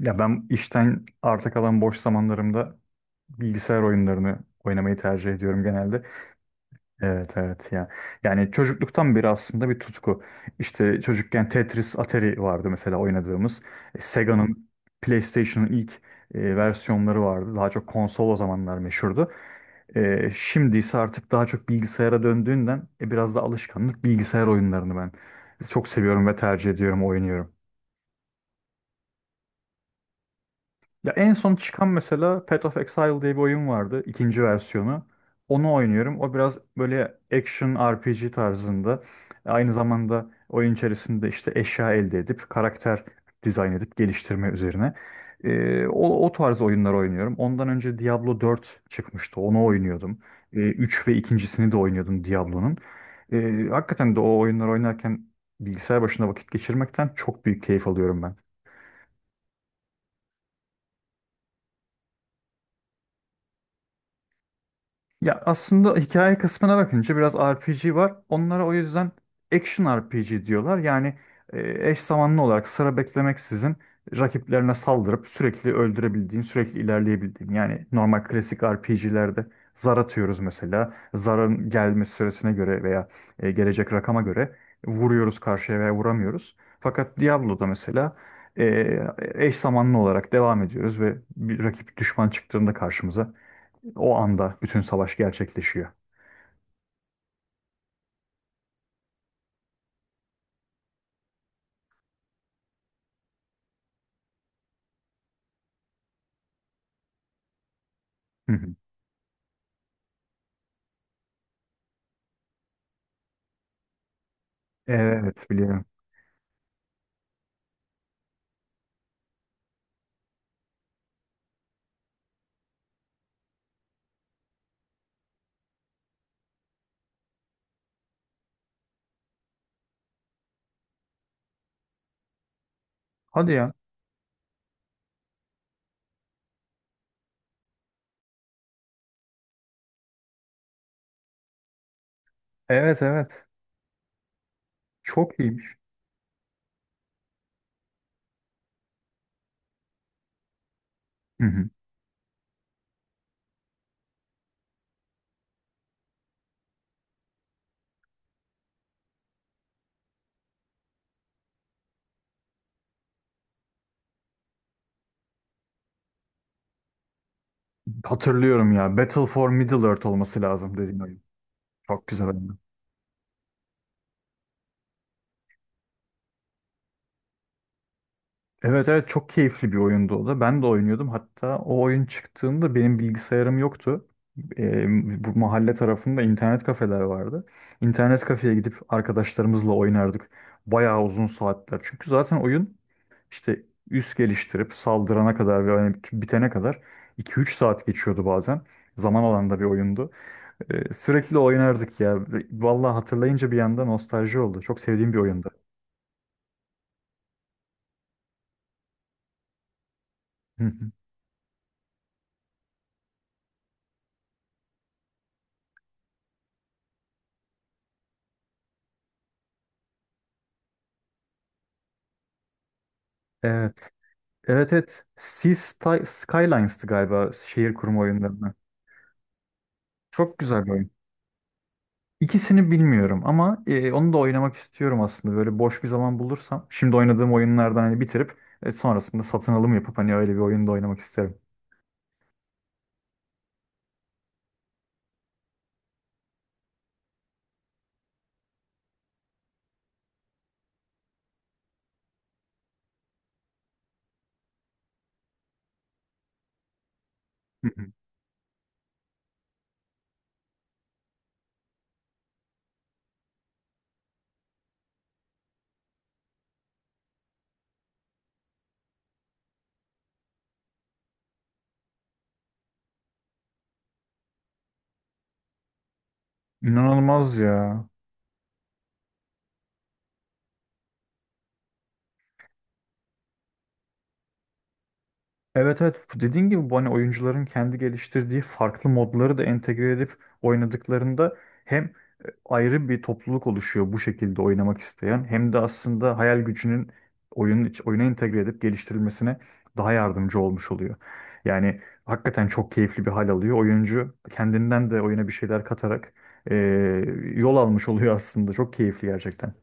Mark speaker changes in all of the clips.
Speaker 1: Ya ben işten arta kalan boş zamanlarımda bilgisayar oyunlarını oynamayı tercih ediyorum genelde. Evet evet ya. Yani çocukluktan beri aslında bir tutku. İşte çocukken Tetris, Atari vardı mesela oynadığımız. Sega'nın PlayStation'ın ilk versiyonları vardı. Daha çok konsol o zamanlar meşhurdu. Şimdi ise artık daha çok bilgisayara döndüğünden biraz da alışkanlık bilgisayar oyunlarını ben çok seviyorum ve tercih ediyorum, oynuyorum. Ya en son çıkan mesela Path of Exile diye bir oyun vardı. İkinci versiyonu. Onu oynuyorum. O biraz böyle action RPG tarzında. Aynı zamanda oyun içerisinde işte eşya elde edip karakter dizayn edip geliştirme üzerine. O tarz oyunlar oynuyorum. Ondan önce Diablo 4 çıkmıştı. Onu oynuyordum. 3 ve ikincisini de oynuyordum Diablo'nun. Hakikaten de o oyunlar oynarken bilgisayar başında vakit geçirmekten çok büyük keyif alıyorum ben. Ya aslında hikaye kısmına bakınca biraz RPG var. Onlara o yüzden action RPG diyorlar. Yani eş zamanlı olarak sıra beklemeksizin rakiplerine saldırıp sürekli öldürebildiğin, sürekli ilerleyebildiğin. Yani normal klasik RPG'lerde zar atıyoruz mesela. Zarın gelme süresine göre veya gelecek rakama göre vuruyoruz karşıya veya vuramıyoruz. Fakat Diablo'da mesela eş zamanlı olarak devam ediyoruz ve bir rakip düşman çıktığında karşımıza o anda bütün savaş gerçekleşiyor. Hı hı. Evet biliyorum. Hadi ya. Evet evet. Çok iyiymiş. Hı hı. Hatırlıyorum ya. Battle for Middle Earth olması lazım dediğin oyun. Çok güzel oyun. Evet evet, çok keyifli bir oyundu o da. Ben de oynuyordum. Hatta o oyun çıktığında benim bilgisayarım yoktu. Bu mahalle tarafında internet kafeler vardı. İnternet kafeye gidip arkadaşlarımızla oynardık. Bayağı uzun saatler. Çünkü zaten oyun işte üs geliştirip saldırana kadar ve hani bitene kadar iki üç saat geçiyordu bazen. Zaman alan da bir oyundu. Sürekli oynardık ya. Vallahi hatırlayınca bir anda nostalji oldu. Çok sevdiğim bir oyundu. Evet. Evet evet. Skylines'tı galiba şehir kurma oyunlarını. Çok güzel bir oyun. İkisini bilmiyorum ama onu da oynamak istiyorum aslında. Böyle boş bir zaman bulursam. Şimdi oynadığım oyunlardan hani bitirip sonrasında satın alım yapıp hani öyle bir oyunda oynamak isterim. Hı hı. İnanılmaz ya. Evet evet, dediğin gibi bu hani oyuncuların kendi geliştirdiği farklı modları da entegre edip oynadıklarında hem ayrı bir topluluk oluşuyor bu şekilde oynamak isteyen, hem de aslında hayal gücünün oyuna entegre edip geliştirilmesine daha yardımcı olmuş oluyor. Yani hakikaten çok keyifli bir hal alıyor. Oyuncu kendinden de oyuna bir şeyler katarak e, yol almış oluyor aslında. Çok keyifli gerçekten.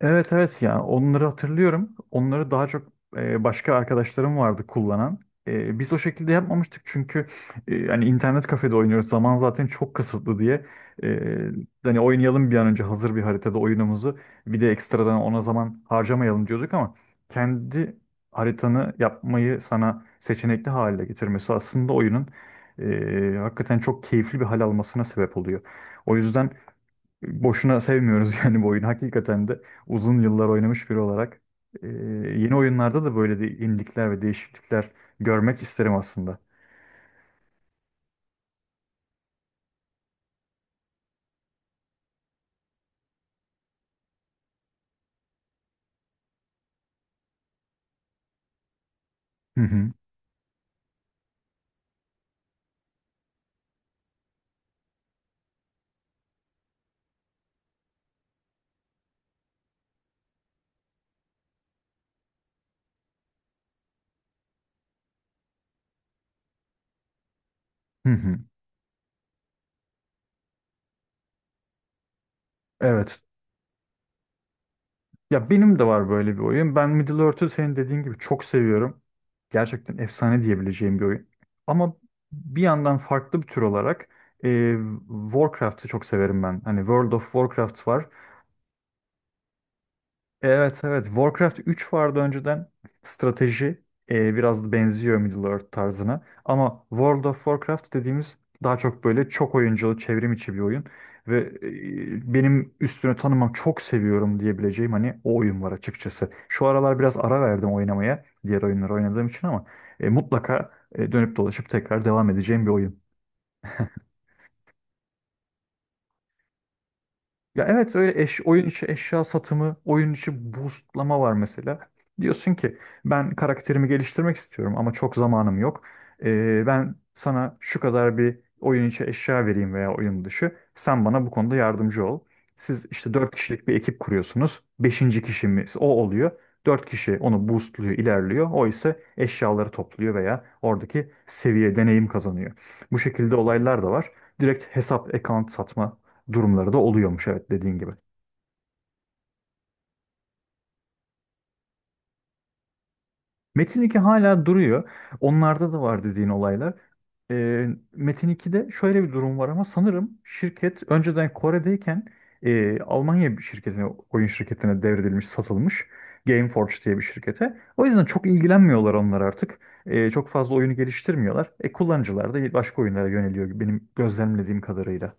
Speaker 1: Evet evet, yani onları hatırlıyorum. Onları daha çok başka arkadaşlarım vardı kullanan. Biz o şekilde yapmamıştık çünkü hani internet kafede oynuyoruz. Zaman zaten çok kısıtlı diye. E, hani oynayalım bir an önce hazır bir haritada oyunumuzu. Bir de ekstradan ona zaman harcamayalım diyorduk ama kendi haritanı yapmayı sana seçenekli hale getirmesi aslında oyunun hakikaten çok keyifli bir hal almasına sebep oluyor. O yüzden boşuna sevmiyoruz yani bu oyunu. Hakikaten de uzun yıllar oynamış biri olarak e, yeni oyunlarda da böyle de yenilikler ve değişiklikler görmek isterim aslında. Hı hı. Hı hı. Evet. Ya benim de var böyle bir oyun. Ben Middle-earth'ü senin dediğin gibi çok seviyorum. Gerçekten efsane diyebileceğim bir oyun. Ama bir yandan farklı bir tür olarak e, Warcraft'ı çok severim ben. Hani World of Warcraft var. Evet evet. Warcraft 3 vardı önceden. Strateji biraz da benziyor Middle-earth tarzına. Ama World of Warcraft dediğimiz daha çok böyle çok oyunculu, çevrim içi bir oyun. Ve benim üstüne tanımam çok seviyorum diyebileceğim hani o oyun var açıkçası. Şu aralar biraz ara verdim oynamaya diğer oyunları oynadığım için ama mutlaka dönüp dolaşıp tekrar devam edeceğim bir oyun. Ya evet, öyle oyun içi eşya satımı, oyun içi boostlama var mesela. Diyorsun ki ben karakterimi geliştirmek istiyorum ama çok zamanım yok. Ben sana şu kadar bir oyun içi eşya vereyim veya oyun dışı. Sen bana bu konuda yardımcı ol. Siz işte 4 kişilik bir ekip kuruyorsunuz. Beşinci kişimiz o oluyor. 4 kişi onu boostluyor, ilerliyor. O ise eşyaları topluyor veya oradaki seviye, deneyim kazanıyor. Bu şekilde olaylar da var. Direkt hesap, account satma durumları da oluyormuş, evet, dediğin gibi. Metin iki hala duruyor. Onlarda da var dediğin olaylar. Ee, Metin 2'de şöyle bir durum var ama sanırım şirket önceden Kore'deyken Almanya bir şirketine, oyun şirketine devredilmiş, satılmış. Gameforge diye bir şirkete. O yüzden çok ilgilenmiyorlar onlar artık. Çok fazla oyunu geliştirmiyorlar. Kullanıcılar da başka oyunlara yöneliyor benim gözlemlediğim kadarıyla.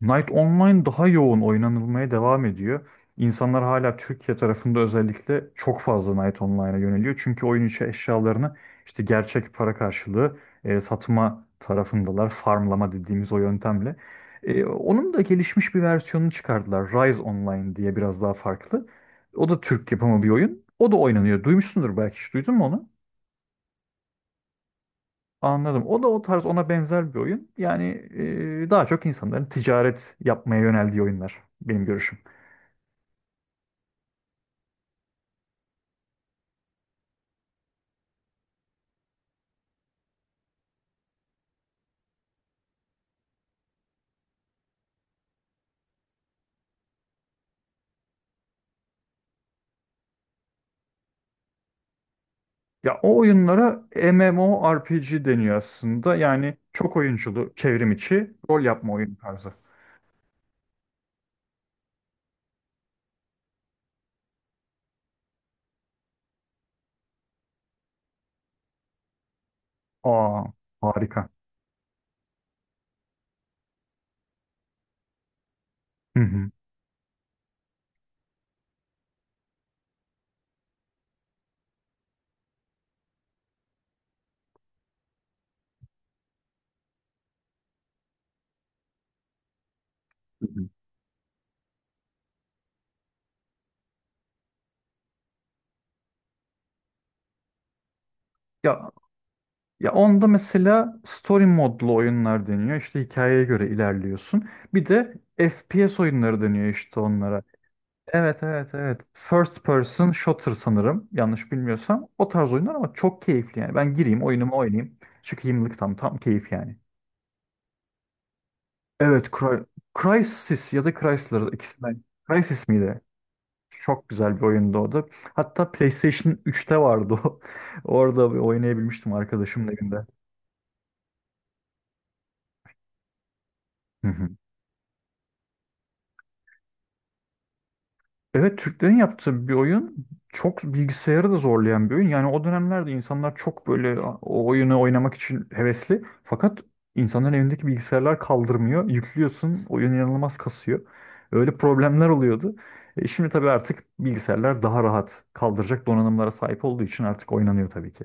Speaker 1: Night Online daha yoğun oynanılmaya devam ediyor. İnsanlar hala Türkiye tarafında özellikle çok fazla Night Online'a yöneliyor. Çünkü oyun içi eşyalarını işte gerçek para karşılığı satma tarafındalar. Farmlama dediğimiz o yöntemle. Onun da gelişmiş bir versiyonunu çıkardılar. Rise Online diye biraz daha farklı. O da Türk yapımı bir oyun. O da oynanıyor. Duymuşsundur, belki hiç duydun mu onu? Anladım. O da o tarz, ona benzer bir oyun. Yani daha çok insanların ticaret yapmaya yöneldiği oyunlar benim görüşüm. Ya o oyunlara MMORPG deniyor aslında. Yani çok oyunculu, çevrim içi rol yapma oyunu tarzı. Aa, harika. Hı hı. Hı hı. Ya ya onda mesela story modlu oyunlar deniyor. İşte hikayeye göre ilerliyorsun. Bir de FPS oyunları deniyor işte onlara. Evet evet evet. First person shooter sanırım, yanlış bilmiyorsam. O tarz oyunlar ama çok keyifli yani. Ben gireyim oyunumu oynayayım. Çıkayımlık tam keyif yani. Evet, Crysis ya da Chrysler, ikisinden. Crysis miydi? Çok güzel bir oyundu o da. Hatta PlayStation 3'te vardı o. Orada bir oynayabilmiştim arkadaşımın evinde. Evet, Türklerin yaptığı bir oyun, çok bilgisayarı da zorlayan bir oyun. Yani o dönemlerde insanlar çok böyle o oyunu oynamak için hevesli. Fakat insanların evindeki bilgisayarlar kaldırmıyor. Yüklüyorsun, oyun inanılmaz kasıyor. Öyle problemler oluyordu. Şimdi tabii artık bilgisayarlar daha rahat kaldıracak donanımlara sahip olduğu için artık oynanıyor tabii ki.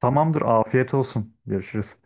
Speaker 1: Tamamdır, afiyet olsun. Görüşürüz.